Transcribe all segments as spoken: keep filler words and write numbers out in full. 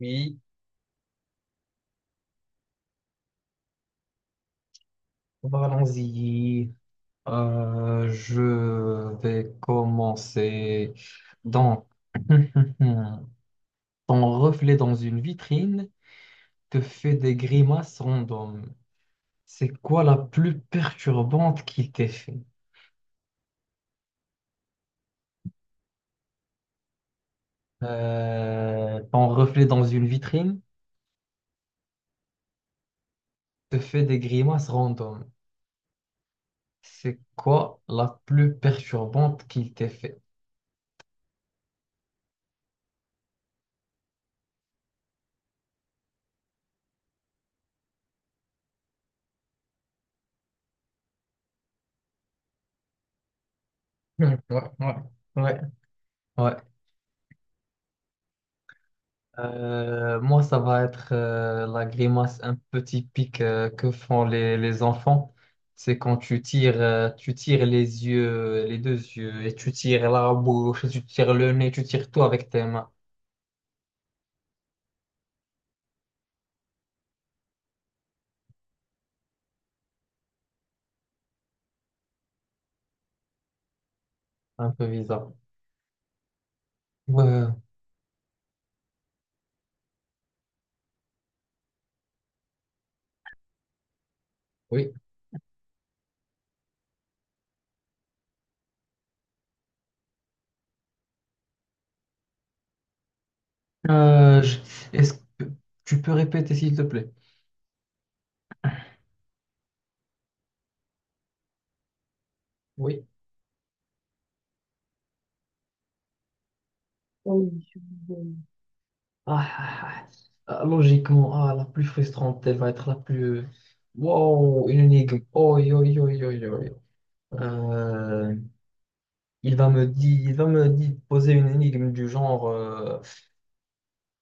Oui, allons-y. Euh, je vais commencer. Donc, ton reflet dans une vitrine te fait des grimaces random. C'est quoi la plus perturbante qu'il t'ait fait? Euh, ton reflet dans une vitrine te fait des grimaces random. C'est quoi la plus perturbante qu'il t'ait fait? Ouais, ouais, ouais, ouais. Euh, moi, ça va être euh, la grimace un peu typique euh, que font les, les enfants. C'est quand tu tires, euh, tu tires les yeux, les deux yeux, et tu tires la bouche, et tu tires le nez, tu tires tout avec tes mains. Un peu bizarre. Ouais, oui. Euh, je- Est-ce que tu peux répéter, s'il te plaît? Oui. Oui. Ah, ah, ah. Ah, logiquement, ah, la plus frustrante, elle va être la plus... Wow, une énigme. Oi, oi, oi, oi, oi. Euh, Il va me di- il va me di- poser une énigme du genre, euh,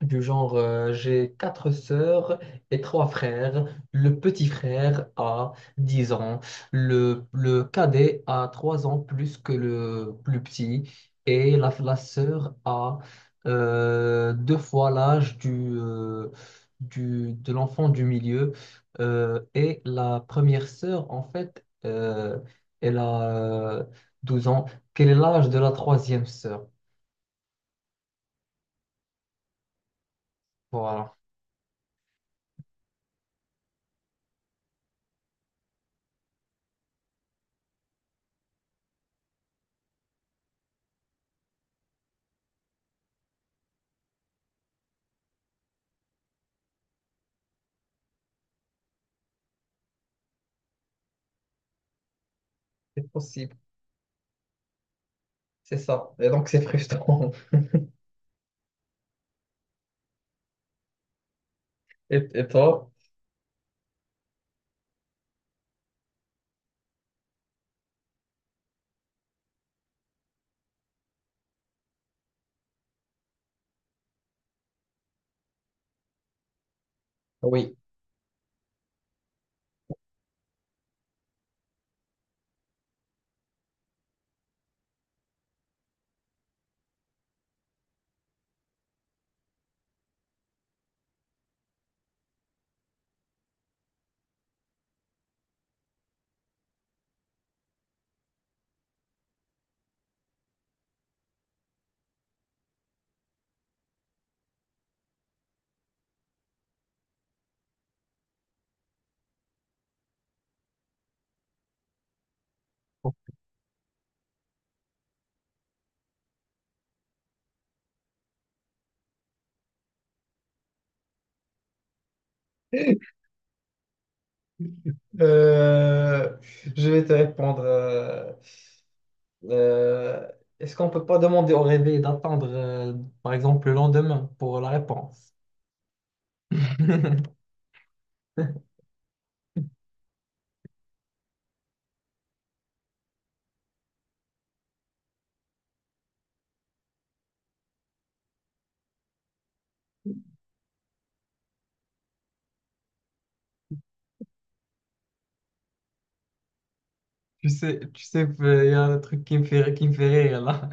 du genre, euh, j'ai quatre sœurs et trois frères. Le petit frère a dix ans. Le, le cadet a trois ans plus que le plus petit. Et la, la sœur a euh, deux fois l'âge du, euh, du, de l'enfant du milieu. Euh, et la première sœur, en fait, euh, elle a euh, douze ans. Quel est l'âge de la troisième sœur? Voilà. C'est possible. C'est ça. Et donc, c'est frustrant. Et, et toi? Oui. Euh, je vais te répondre. euh, euh, est-ce qu'on peut pas demander au réveil d'attendre, euh, par exemple, le lendemain pour la réponse? Tu sais, tu sais, il y a un truc qui me fait, qui me fait rire là.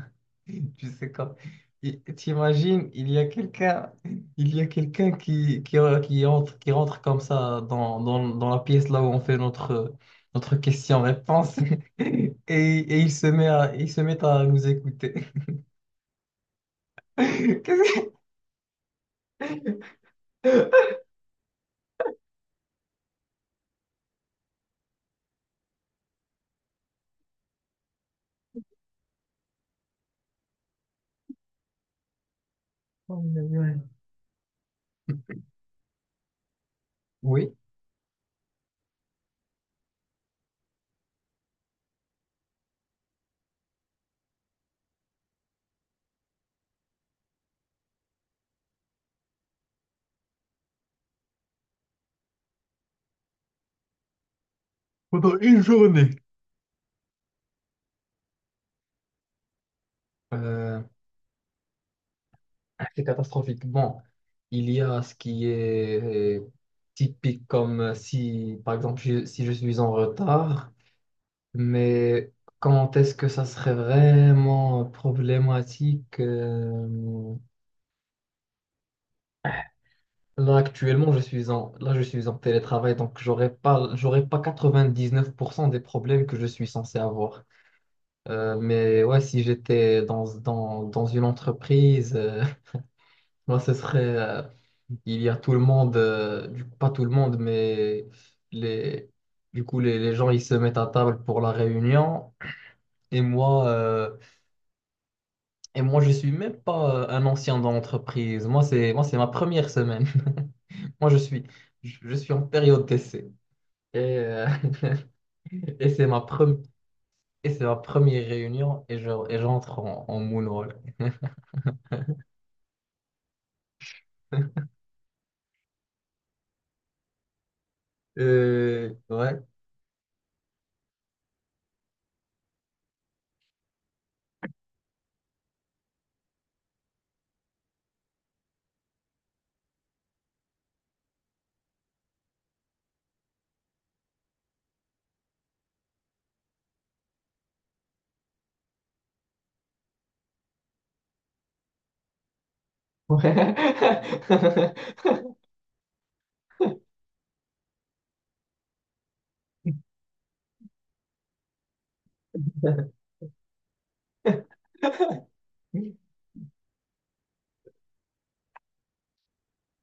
Tu sais quand. i- T'imagines, il y a quelqu'un, il y a quelqu'un qui, qui, qui entre, qui rentre comme ça dans, dans, dans la pièce là où on fait notre, notre question-réponse et, et il se met à, il se met à nous écouter. Qu'est-ce que- Oh, ouais. Oui. Pendant une journée. C'est catastrophique. Bon, il y a ce qui est typique comme si, par exemple, je- si je suis en retard, mais quand est-ce que ça serait vraiment problématique? euh, Là, actuellement, je suis en, là, je suis en télétravail, donc j'aurais pas, j'aurais pas quatre-vingt-dix-neuf pour cent des problèmes que je suis censé avoir. Euh, mais ouais, si j'étais dans, dans, dans une entreprise, euh, Moi, ce serait, euh, il y a tout le monde, euh, du coup, pas tout le monde, mais les, du coup, les, les gens, ils se mettent à table pour la réunion. Et moi, euh, et moi, je suis même pas euh, un ancien dans l'entreprise. Moi, c'est, moi, c'est ma première semaine. Moi, je suis, je, je suis en période d'essai. Et, euh, et c'est ma première, et c'est ma première réunion et je, et j'entre en, en moonwalk. Euh, ouais. Ouais.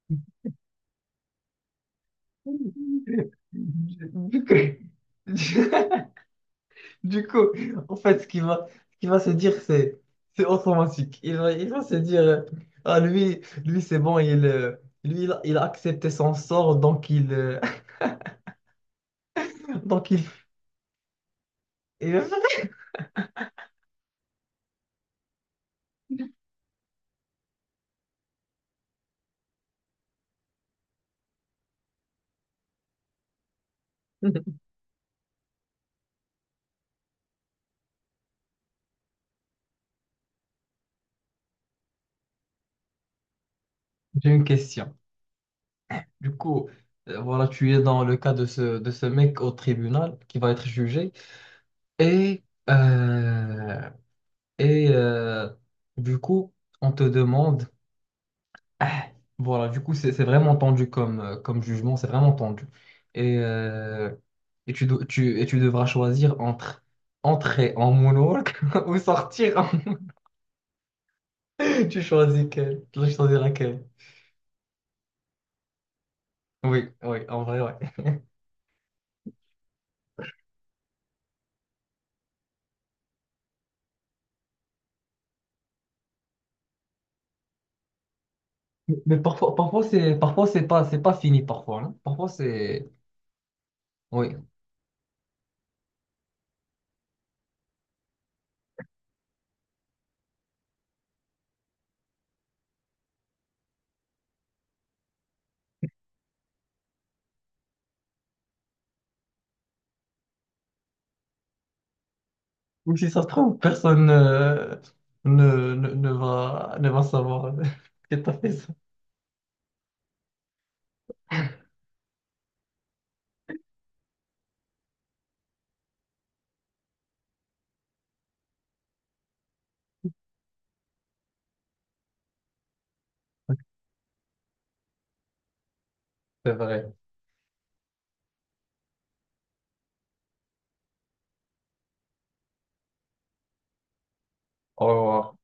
Du coup, du coup, en fait, ce qu'il va, ce qu'il va se dire, c'est, c'est automatique. Il va, il va se dire, euh, ah, lui, lui, c'est bon, il, euh, lui, il a, il a accepté son sort, donc il, euh, donc il. Et, euh, J'ai une question. Du coup, euh, voilà, tu es dans le cas de ce, de ce mec au tribunal qui va être jugé, et, euh, et euh, du coup, on te demande. Ah, voilà, du coup, c'est c'est vraiment tendu comme, euh, comme jugement, c'est vraiment tendu. Et, euh, et, tu, do- tu, et tu devras choisir entre entrer en monologue ou sortir en... Tu choisis quel, tu dois choisir laquelle. Oui, oui, en vrai, ouais. Mais mais parfois, parfois c'est parfois c'est pas c'est pas fini parfois, non? Parfois c'est oui. Ou si ça se trouve, personne euh, ne, ne, ne va ne va savoir que t'as fait ça. C'est vrai. Au revoir.